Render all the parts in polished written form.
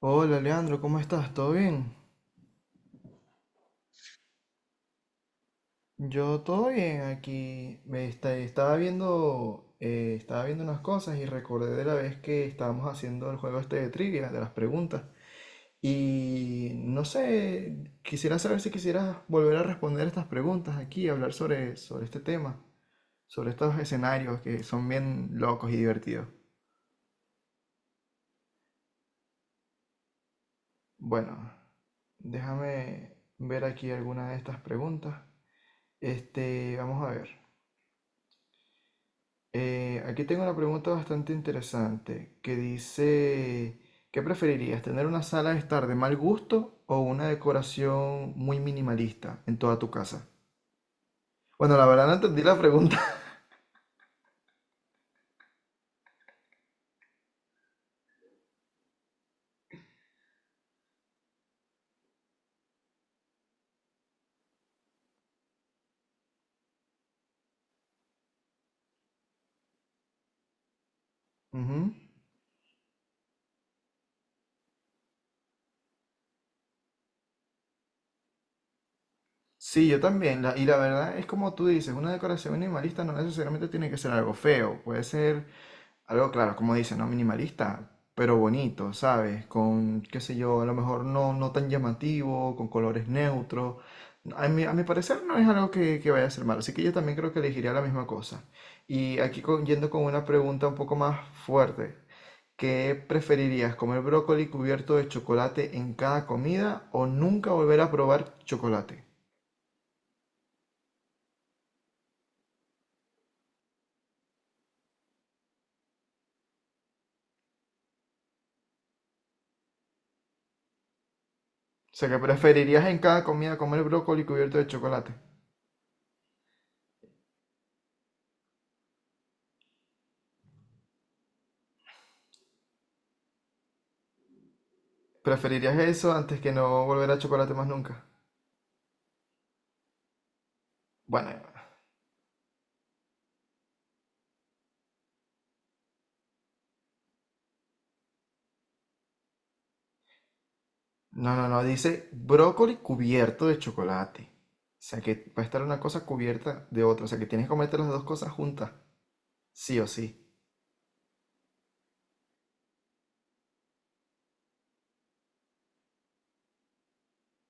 Hola Leandro, ¿cómo estás? ¿Todo bien? Yo todo bien aquí. Estaba viendo, estaba viendo unas cosas y recordé de la vez que estábamos haciendo el juego este de trivia, de las preguntas. Y no sé, quisiera saber si quisieras volver a responder estas preguntas aquí, hablar sobre este tema, sobre estos escenarios que son bien locos y divertidos. Bueno, déjame ver aquí alguna de estas preguntas. Este, vamos a ver. Aquí tengo una pregunta bastante interesante que dice, ¿qué preferirías, tener una sala de estar de mal gusto o una decoración muy minimalista en toda tu casa? Bueno, la verdad no entendí la pregunta. Ujú. Sí, yo también. Y la verdad es como tú dices, una decoración minimalista no necesariamente tiene que ser algo feo. Puede ser algo claro, como dice, ¿no? Minimalista, pero bonito, ¿sabes? Con, qué sé yo, a lo mejor no tan llamativo, con colores neutros. A mi parecer no es algo que vaya a ser malo, así que yo también creo que elegiría la misma cosa. Y aquí yendo con una pregunta un poco más fuerte. ¿Qué preferirías, comer brócoli cubierto de chocolate en cada comida o nunca volver a probar chocolate? O sea, que preferirías en cada comida comer brócoli cubierto de chocolate. ¿Preferirías eso antes que no volver a chocolate más nunca? Bueno, no, no, no, dice brócoli cubierto de chocolate. O sea que va a estar una cosa cubierta de otra. O sea que tienes que comerte las dos cosas juntas. Sí o sí.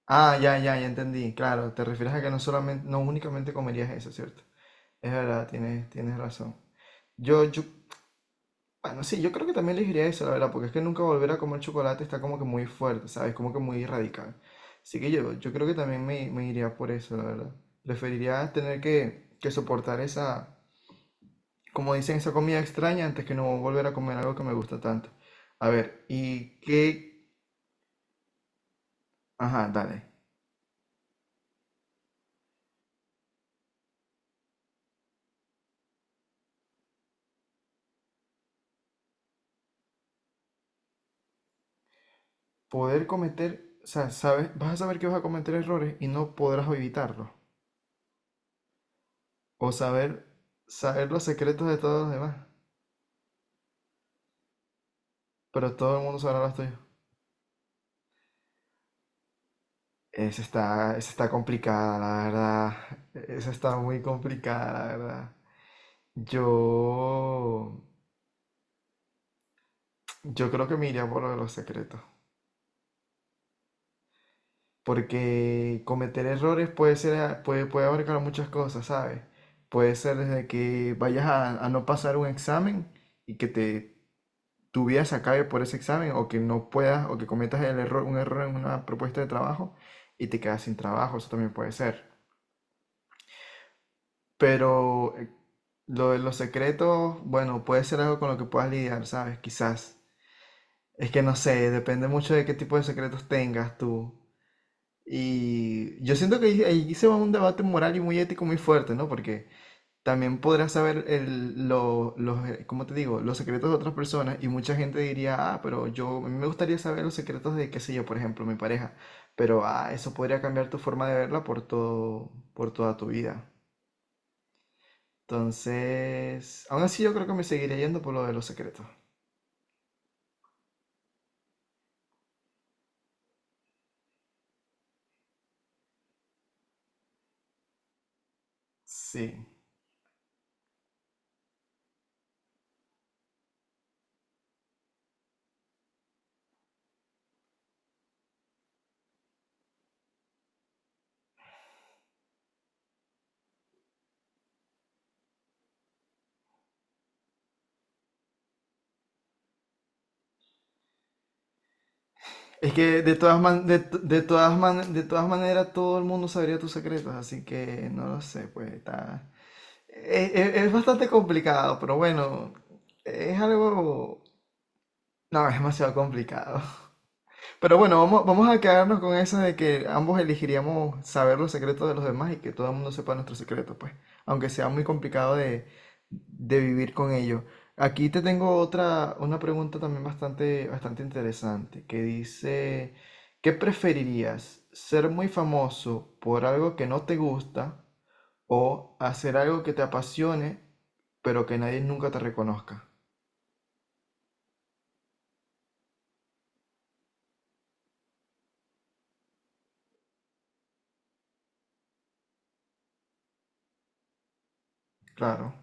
Ah, ya entendí. Claro, te refieres a que no solamente, no únicamente comerías eso, ¿cierto? Es verdad, tienes razón. Yo, yo, bueno, sí, yo creo que también elegiría eso, la verdad, porque es que nunca volver a comer chocolate está como que muy fuerte, ¿sabes? Como que muy radical. Así que yo creo que también me iría por eso, la verdad. Preferiría tener que soportar esa, como dicen, esa comida extraña antes que no volver a comer algo que me gusta tanto. A ver, y qué, ajá, dale. Poder cometer, o sea, sabes, vas a saber que vas a cometer errores y no podrás evitarlos. O saber, saber los secretos de todos los demás, pero todo el mundo sabrá los tuyos. Esa está complicada, la verdad. Esa está muy complicada, la verdad. Yo, yo creo que me iría por lo de los secretos. Porque cometer errores puede puede, puede abarcar muchas cosas, ¿sabes? Puede ser desde que vayas a no pasar un examen y que tu vida se acabe por ese examen, o que no puedas, o que cometas el error, un error en una propuesta de trabajo y te quedas sin trabajo, eso también puede ser. Pero lo de los secretos, bueno, puede ser algo con lo que puedas lidiar, ¿sabes? Quizás. Es que no sé, depende mucho de qué tipo de secretos tengas tú. Y yo siento que ahí se va un debate moral y muy ético muy fuerte, ¿no? Porque también podrás saber los, ¿cómo te digo? Los secretos de otras personas y mucha gente diría, ah, pero yo, a mí me gustaría saber los secretos de, qué sé yo, por ejemplo, mi pareja. Pero, ah, eso podría cambiar tu forma de verla por todo, por toda tu vida. Entonces, aún así yo creo que me seguiría yendo por lo de los secretos. Sí. Es que de todas man- de, t- de todas man- de todas maneras todo el mundo sabría tus secretos, así que no lo sé, pues está... es bastante complicado, pero bueno, es algo... No, es demasiado complicado. Pero bueno, vamos a quedarnos con eso de que ambos elegiríamos saber los secretos de los demás y que todo el mundo sepa nuestros secretos pues, aunque sea muy complicado de vivir con ello. Aquí te tengo otra, una pregunta también bastante interesante, que dice, ¿qué preferirías? ¿Ser muy famoso por algo que no te gusta o hacer algo que te apasione, pero que nadie nunca te reconozca? Claro.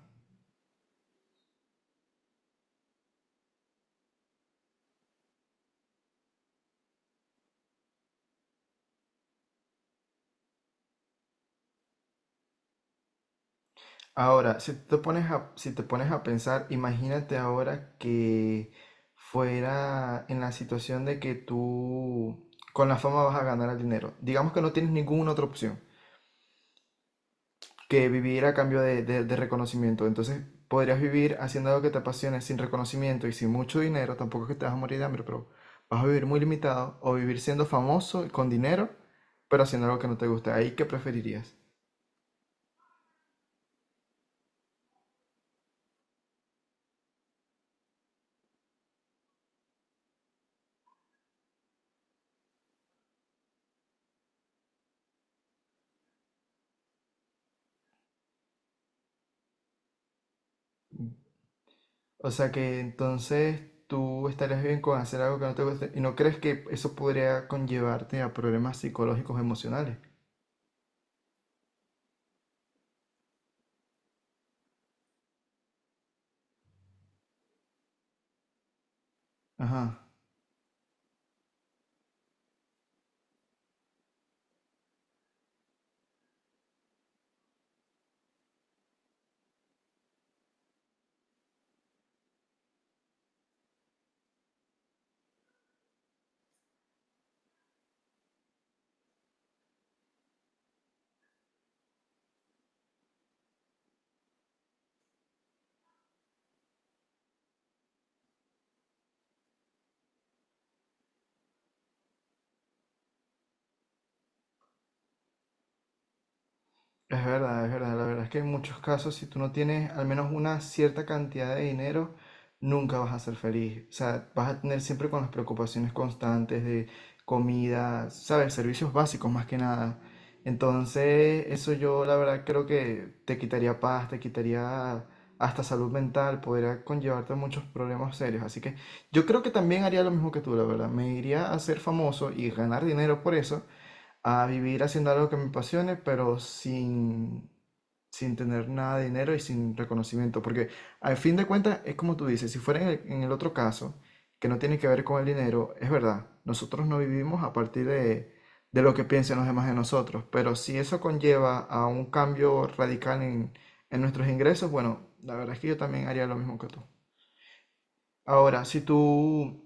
Ahora, si te pones a pensar, imagínate ahora que fuera en la situación de que tú con la fama vas a ganar el dinero. Digamos que no tienes ninguna otra opción que vivir a cambio de reconocimiento. Entonces, podrías vivir haciendo algo que te apasione sin reconocimiento y sin mucho dinero. Tampoco es que te vas a morir de hambre, pero vas a vivir muy limitado o vivir siendo famoso y con dinero, pero haciendo algo que no te gusta. ¿Ahí qué preferirías? O sea que entonces tú estarías bien con hacer algo que no te guste y no crees que eso podría conllevarte a problemas psicológicos emocionales. Ajá. Es verdad, es verdad. La verdad es que en muchos casos, si tú no tienes al menos una cierta cantidad de dinero, nunca vas a ser feliz. O sea, vas a tener siempre con las preocupaciones constantes de comida, ¿sabes? Servicios básicos más que nada. Entonces, eso yo la verdad creo que te quitaría paz, te quitaría hasta salud mental, podría conllevarte muchos problemas serios. Así que yo creo que también haría lo mismo que tú, la verdad. Me iría a ser famoso y ganar dinero por eso a vivir haciendo algo que me apasione, pero sin tener nada de dinero y sin reconocimiento. Porque al fin de cuentas, es como tú dices, si fuera en en el otro caso, que no tiene que ver con el dinero, es verdad, nosotros no vivimos a partir de lo que piensen los demás de nosotros, pero si eso conlleva a un cambio radical en nuestros ingresos, bueno, la verdad es que yo también haría lo mismo que tú. Ahora, si tú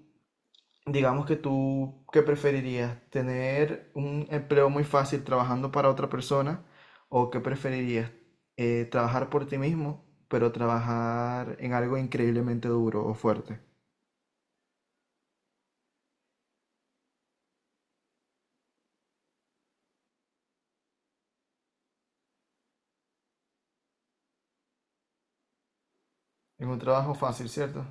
digamos que tú, ¿qué preferirías? ¿Tener un empleo muy fácil trabajando para otra persona? ¿O qué preferirías? ¿Trabajar por ti mismo, pero trabajar en algo increíblemente duro o fuerte? En un trabajo fácil, ¿cierto?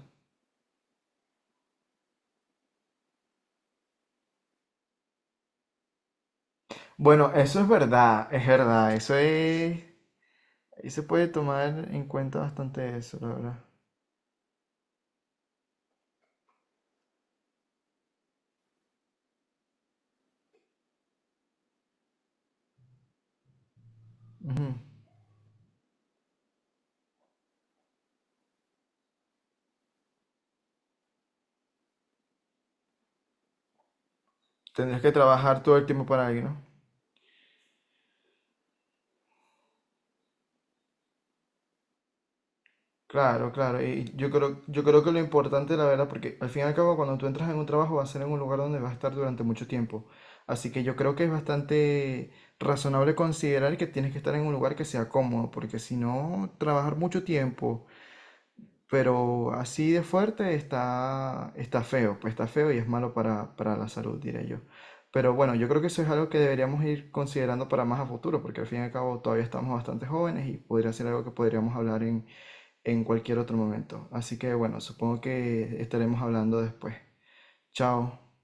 Bueno, eso es verdad, es verdad. Eso es... Ahí se puede tomar en cuenta bastante eso, la verdad. Ujú. Tendrías que trabajar todo el tiempo para alguien, ¿no? Claro, claro. Y yo creo que lo importante, la verdad, porque al fin y al cabo, cuando tú entras en un trabajo, va a ser en un lugar donde vas a estar durante mucho tiempo. Así que yo creo que es bastante razonable considerar que tienes que estar en un lugar que sea cómodo, porque si no, trabajar mucho tiempo, pero así de fuerte está, está feo, pues está feo y es malo para la salud, diré yo. Pero bueno, yo creo que eso es algo que deberíamos ir considerando para más a futuro, porque al fin y al cabo todavía estamos bastante jóvenes y podría ser algo que podríamos hablar en cualquier otro momento. Así que bueno, supongo que estaremos hablando después. Chao.